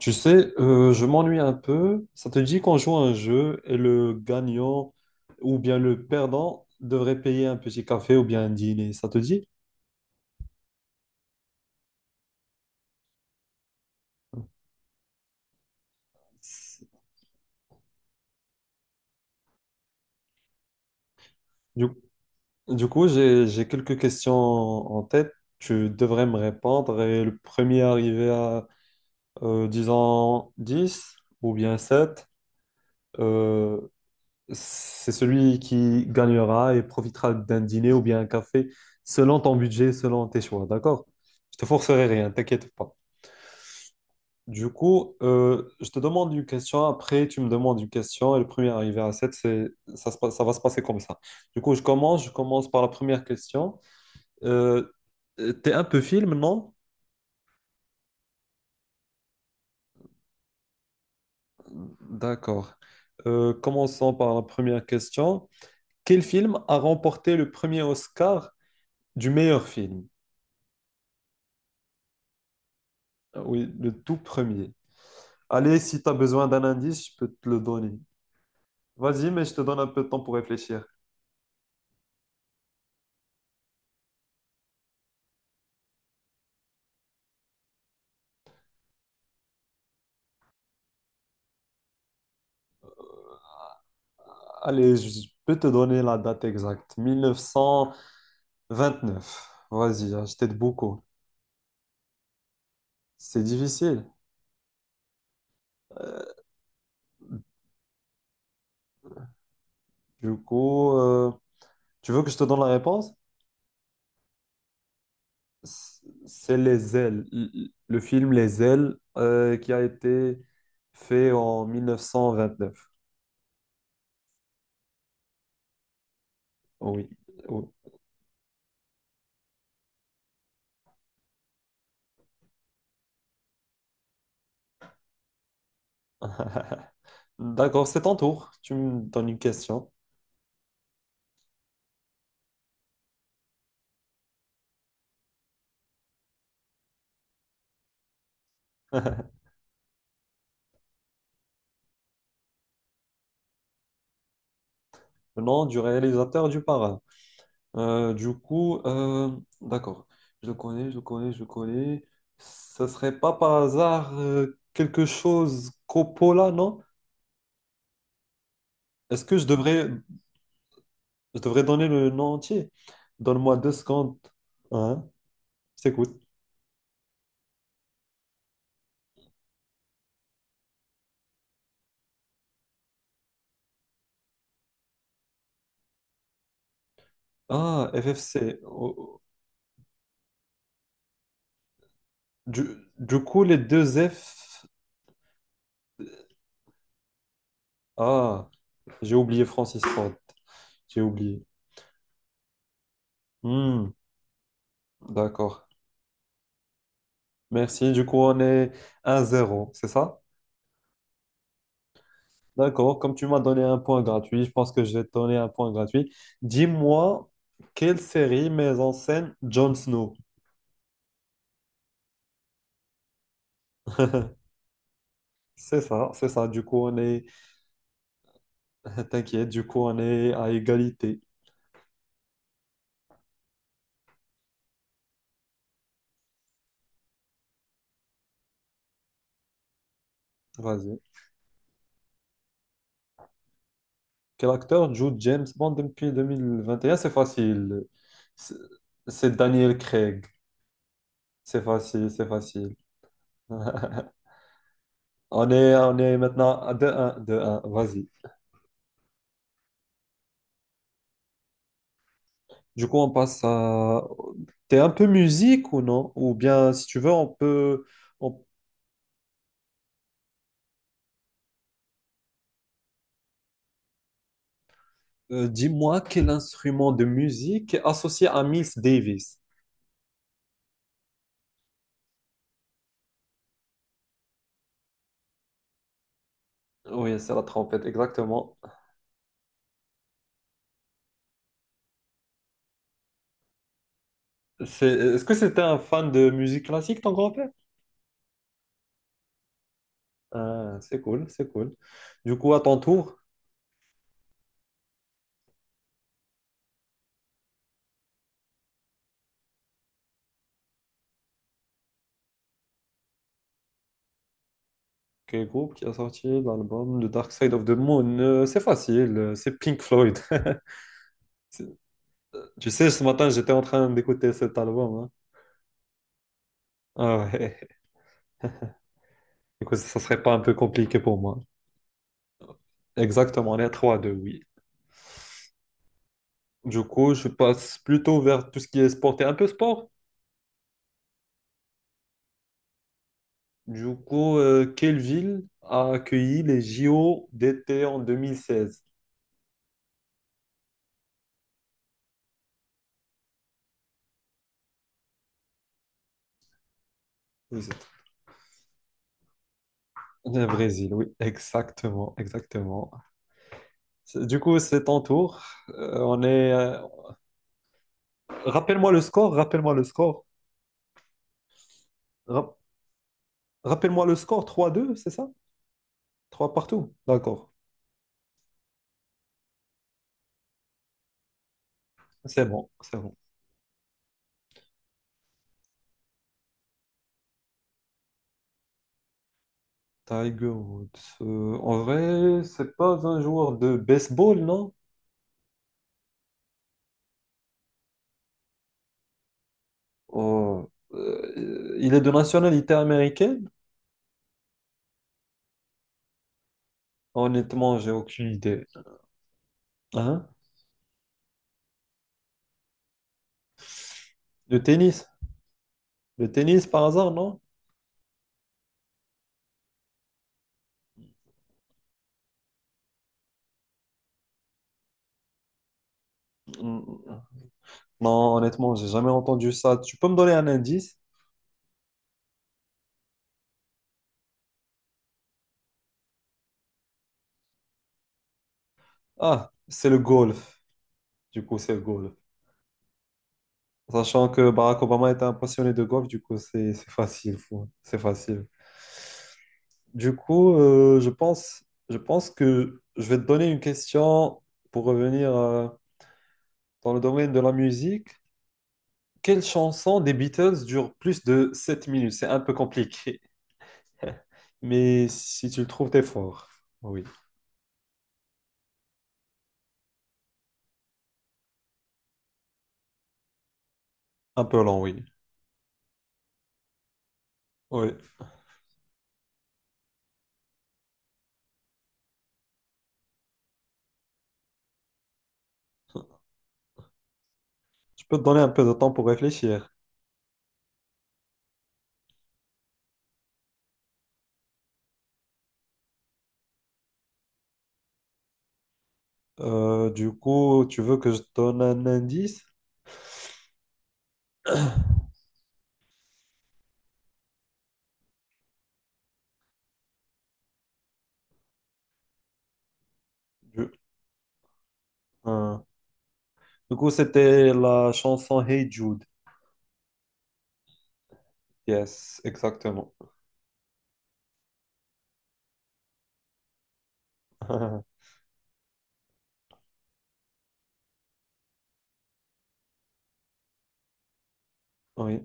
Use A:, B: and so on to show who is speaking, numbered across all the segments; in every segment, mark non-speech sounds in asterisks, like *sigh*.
A: Tu sais, je m'ennuie un peu. Ça te dit qu'on joue à un jeu et le gagnant ou bien le perdant devrait payer un petit café ou bien un dîner. Ça te dit? Du, du coup, j'ai quelques questions en tête. Tu devrais me répondre et le premier arrivé à, disons, 10 ou bien 7, euh, c'est celui qui gagnera et profitera d'un dîner ou bien un café selon ton budget, selon tes choix. D'accord? Je te forcerai rien, t'inquiète pas. Du coup, je te demande une question, après tu me demandes une question, et le premier arrivé à 7, c'est, ça, se passe- ça va se passer comme ça. Du coup, je commence par la première question. Euh, t'es un peu film, non? D'accord. Commençons par la première question. Quel film a remporté le premier Oscar du meilleur film? Ah oui, le tout premier. Allez, si tu as besoin d'un indice, je peux te le donner. Vas-y, mais je te donne un peu de temps pour réfléchir. Allez, je peux te donner la date exacte. 1929. Vas-y, hein, je t'aide beaucoup. C'est difficile. Euh, Du coup, euh, tu veux que je te donne la réponse? C- C'est Les Ailes. Le film Les Ailes qui a été fait en 1929. Oui. Oui. *laughs* D'accord, c'est ton tour. Tu me donnes une question. *laughs* Le nom du réalisateur du Parrain. Euh, du coup, euh, d'accord. Je le connais. Ça serait pas par hasard quelque chose Coppola, non? Est-ce que je devrais donner le nom entier? Donne-moi 2 secondes. Hein? Je t'écoute. Ah, FFC. Oh, oh. Du, du coup, les deux F. Ah, j'ai oublié Francis Ford. J'ai oublié. Hmm, d'accord. Merci. Du coup, on est un zéro, c'est ça? D'accord, comme tu m'as donné un point gratuit, je pense que je vais te donner un point gratuit. Dis-moi, quelle série met en scène Jon Snow? C'est ça, c'est ça. Du coup, on est... *laughs* T'inquiète, du coup, on est à égalité. Vas-y. Quel acteur joue James Bond depuis deux mille vingt et un? C'est facile. C'est c'est Daniel Craig. C'est facile, c'est facile. *laughs* On est maintenant à deux 1 deux. 1 Vas-y. Du coup, on passe à... T'es un peu musique ou non? Ou bien, si tu veux, on peut... on- dis-moi quel instrument de musique est associé à Miles Davis. Oui, c'est la trompette, exactement. Est-ce que c'était un fan de musique classique, ton grand-père? Ah, c'est cool, c'est cool. Du coup, à ton tour, quel groupe qui a sorti l'album The Dark Side of the Moon? C'est facile, c'est Pink Floyd. *laughs* C'est- Tu sais, ce matin, j'étais en train d'écouter cet album, hein. Ah ouais, *laughs* du coup, ça serait pas un peu compliqué pour moi. Exactement, les trois deux, oui. Du coup, je passe plutôt vers tout ce qui est sport et un peu sport. Du coup, quelle ville a accueilli les JO d'été en 2016? Vous êtes- Le Brésil, oui, exactement, exactement. Du coup, c'est ton tour. On est. Rappelle-moi le score, rappelle-moi le score. Rap- Rappelle-moi le score. Trois deux, c'est ça? 3 partout. D'accord, c'est bon, c'est bon. Tiger Woods. En vrai, c'est pas un joueur de baseball, non? Oh, il est de nationalité américaine? Honnêtement, j'ai aucune idée. Hein? Le tennis? Le tennis par hasard, non? Mm, non, honnêtement, j'ai jamais entendu ça. Tu peux me donner un indice? Ah, c'est le golf. Du coup, c'est le golf. Sachant que Barack Obama était un passionné de golf, du coup, c'est facile. Fou. C'est facile. Du coup, je pense que je vais te donner une question pour revenir dans le domaine de la musique. Quelle chanson des Beatles dure plus de 7 minutes? C'est un peu compliqué, mais si tu le trouves, t'es fort. Oui, un peu long, oui. Oui, je peux te donner un peu de temps pour réfléchir. Du coup, tu veux que je te donne un indice? Du, un. Du coup, c'était la chanson Hey Jude. Yes, exactement. *laughs* Oui,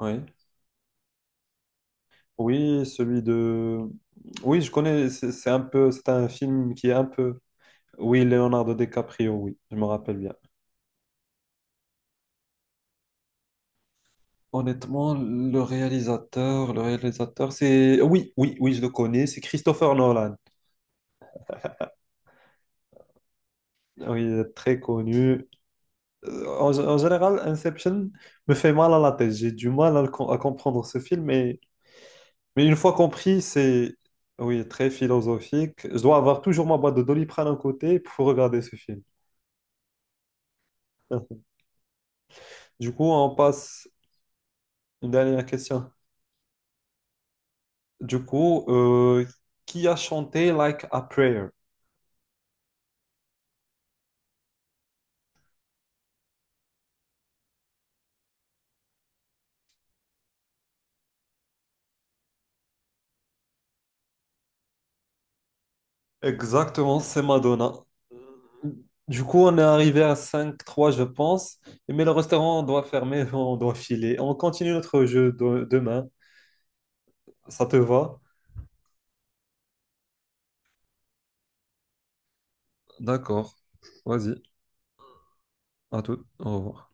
A: oui. Oui, celui de... Oui, je connais, c'est un film qui est un peu... Oui, Leonardo DiCaprio, oui, je me rappelle bien. Honnêtement, le réalisateur, c'est... Oui, oui, oui, je le connais, c'est Christopher Nolan. Oui, très connu. En général, Inception me fait mal à la tête. J'ai du mal à, à comprendre ce film, mais une fois compris, c'est... Oui, très philosophique. Je dois avoir toujours ma boîte de Doliprane à côté pour regarder ce film. *laughs* Du coup, on passe une dernière question. Du coup, qui a chanté Like a Prayer? Exactement, c'est Madonna. Du coup, on est arrivé à cinq trois, je pense. Mais le restaurant doit fermer, *laughs* on doit filer. On continue notre demain. Ça te va? D'accord. Vas-y, à tout. Au revoir.